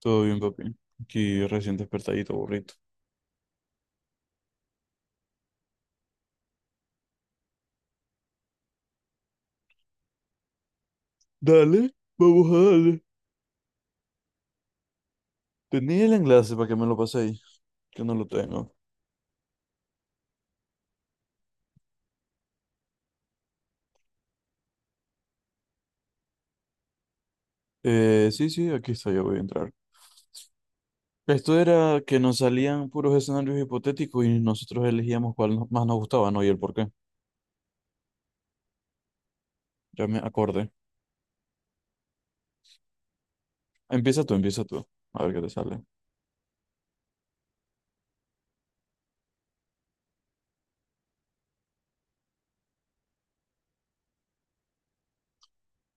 Todo bien, papi. Aquí recién despertadito, burrito. Dale, vamos a darle. Tenía el enlace para que me lo paséis, que no lo tengo. Sí, sí, aquí está, ya voy a entrar. Esto era que nos salían puros escenarios hipotéticos y nosotros elegíamos cuál más nos gustaba, ¿no? Y el por qué. Ya me acordé. Empieza tú, empieza tú. A ver qué te sale.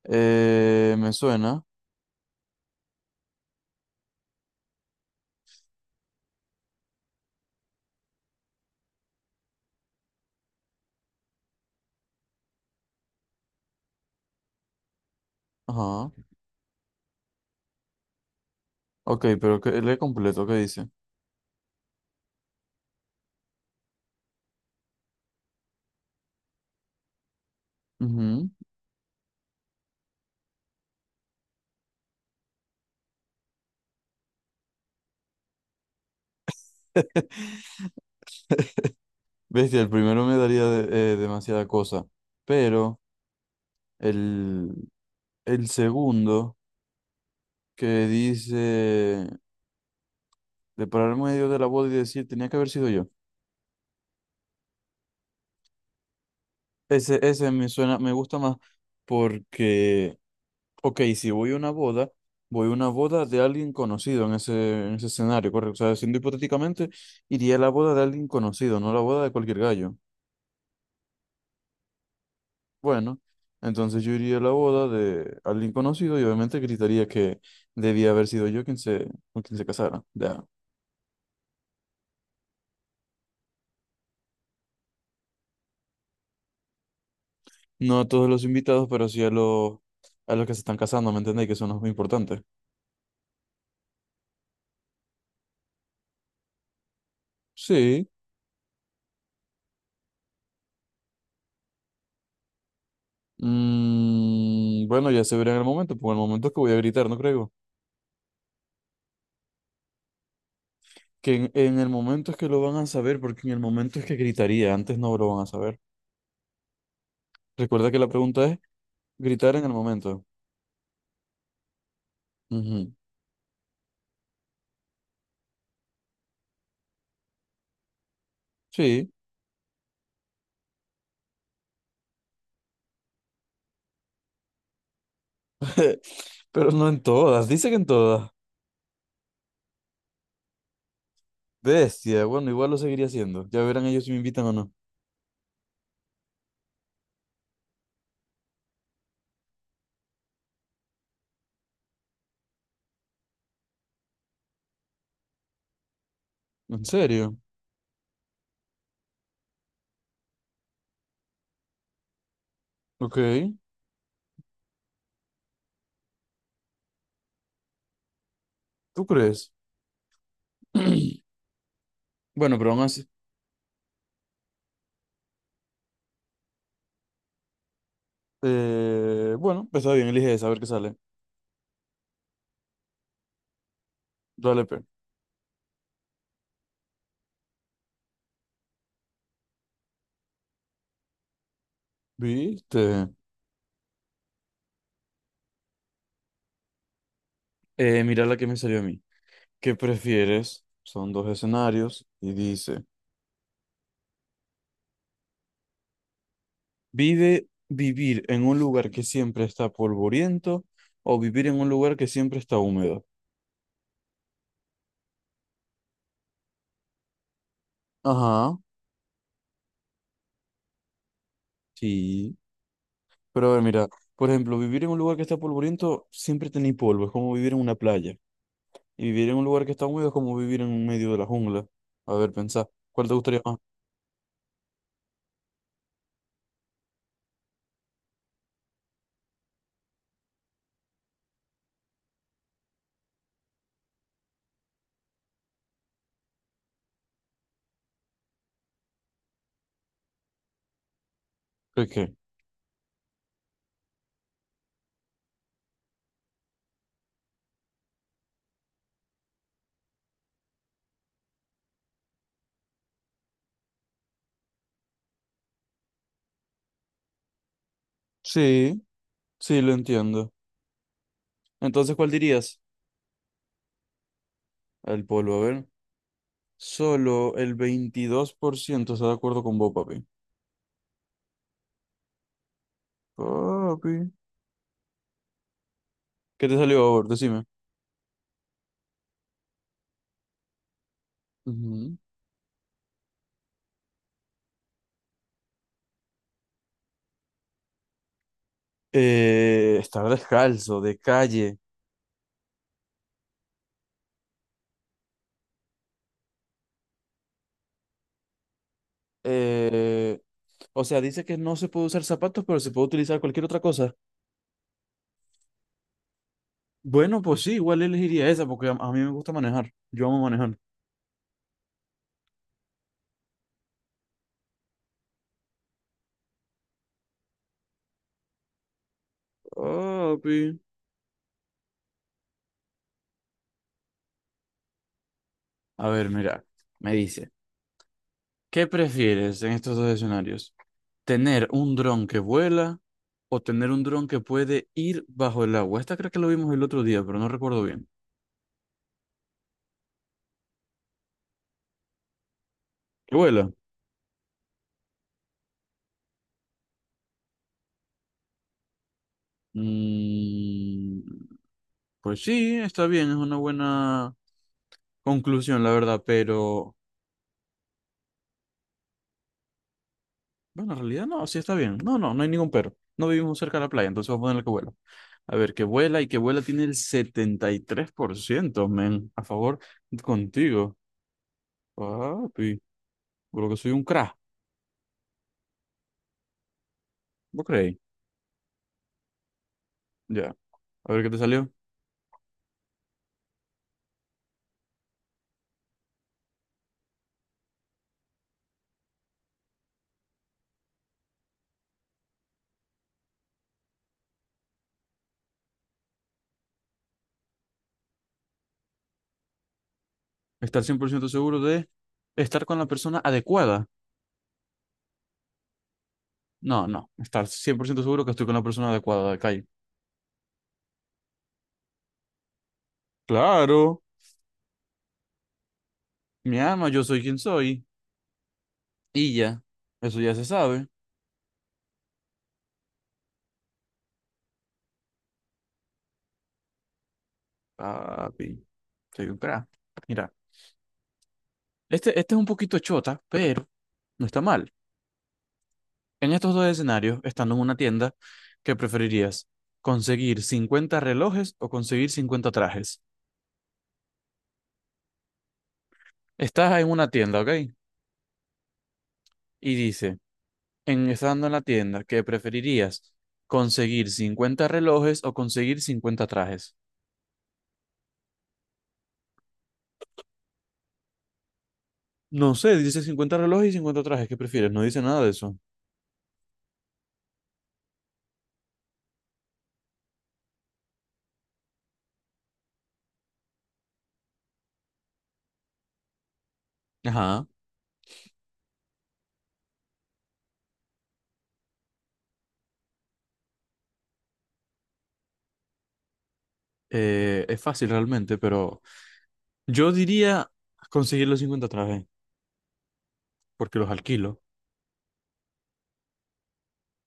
Me suena. Ajá. Ok, pero que, lee completo, ¿qué dice? Ujú. Bestia, el primero me daría demasiada cosa, pero... el El segundo, que dice de parar en medio de la boda y decir, tenía que haber sido yo. Ese me suena, me gusta más porque, ok, si voy a una boda, voy a una boda de alguien conocido en ese escenario, correcto. O sea, siendo hipotéticamente, iría a la boda de alguien conocido, no a la boda de cualquier gallo. Bueno, entonces yo iría a la boda de alguien conocido y obviamente gritaría que debía haber sido yo quien se, con quien se casara. Ya. No a todos los invitados, pero sí a los que se están casando, ¿me entendéis? Que son los muy importantes. Sí. Mm, bueno, ya se verá en el momento, porque en el momento es que voy a gritar, no creo. Que en el momento es que lo van a saber, porque en el momento es que gritaría, antes no lo van a saber. Recuerda que la pregunta es gritar en el momento. Ujú. Sí, pero no en todas, dice que en todas. Bestia, bueno, igual lo seguiría haciendo. Ya verán ellos si me invitan o no. ¿En serio? Ok, ¿tú crees? Bueno, pero aún así. Bueno, pues está bien, elige esa, a ver qué sale. Dale, pe. ¿Viste? Mira la que me salió a mí. ¿Qué prefieres? Son dos escenarios y dice, ¿vive vivir en un lugar que siempre está polvoriento o vivir en un lugar que siempre está húmedo? Ajá, sí. Pero a ver, mira, por ejemplo, vivir en un lugar que está polvoriento siempre tenéis polvo, es como vivir en una playa. Y vivir en un lugar que está húmedo es como vivir en un medio de la jungla. A ver, pensá, ¿cuál te gustaría más? ¿Qué? Sí. Sí, lo entiendo. Entonces, ¿cuál dirías? El polvo, a ver. Solo el 22% está de acuerdo con vos, papi. Papi. ¿Qué te salió, favor? Decime. Ujú. Estar descalzo, de calle. Eh, o sea, dice que no se puede usar zapatos, pero se puede utilizar cualquier otra cosa. Bueno, pues sí, igual elegiría esa porque a mí me gusta manejar. Yo amo manejar. Papi. A ver, mira, me dice, ¿qué prefieres en estos dos escenarios? ¿Tener un dron que vuela o tener un dron que puede ir bajo el agua? Esta creo que lo vimos el otro día, pero no recuerdo bien. ¿Que vuela? Mm, pues sí, está bien, es una buena conclusión, la verdad, pero bueno, en realidad no, sí está bien. No, no, no hay ningún pero. No vivimos cerca de la playa, entonces vamos a ponerle que vuela. A ver, que vuela y que vuela tiene el 73% men, a favor contigo. Papi, por lo que soy un crack, ¿vos creéis? Ya, a ver qué te salió. Estar 100% seguro de estar con la persona adecuada. No, no. Estar 100% seguro que estoy con la persona adecuada de calle. Claro, mi ama, yo soy quien soy. Y ya. Eso ya se sabe. Papi, soy un crack. Mira, este es un poquito chota, pero no está mal. En estos dos escenarios, estando en una tienda, ¿qué preferirías? ¿Conseguir 50 relojes o conseguir 50 trajes? Estás en una tienda, ¿ok? Y dice, en estando en la tienda, ¿qué preferirías? ¿Conseguir 50 relojes o conseguir 50 trajes? No sé, dice 50 relojes y 50 trajes, ¿qué prefieres? No dice nada de eso. Ajá, es fácil realmente, pero yo diría conseguir los 50 trajes, porque los alquilo.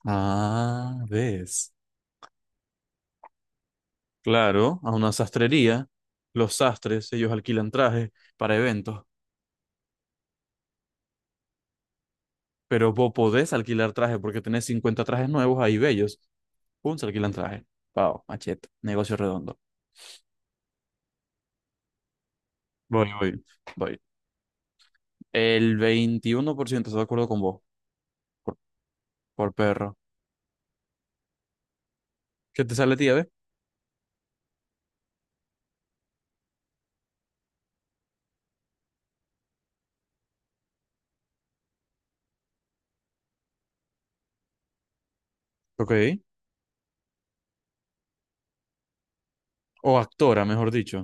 Ah, ves. Claro, a una sastrería, los sastres, ellos alquilan trajes para eventos, pero vos podés alquilar trajes porque tenés 50 trajes nuevos ahí bellos. Pum, se alquilan trajes. Pau, machete, negocio redondo. Voy, voy, voy. El 21% está de acuerdo con vos, por, por perro. ¿Qué te sale, tía, ve? Ok. O actora, mejor dicho.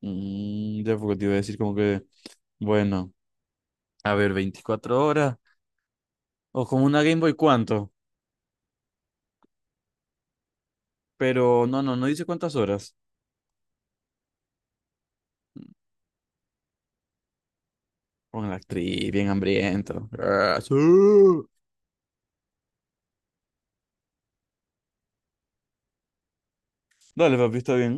Mm, ya porque te iba a decir como que, bueno, a ver, 24 horas. O como una Game Boy, ¿cuánto? Pero no, no, no dice cuántas horas. Con la actriz, bien hambriento. Ah, sí. Dale, papi, está bien.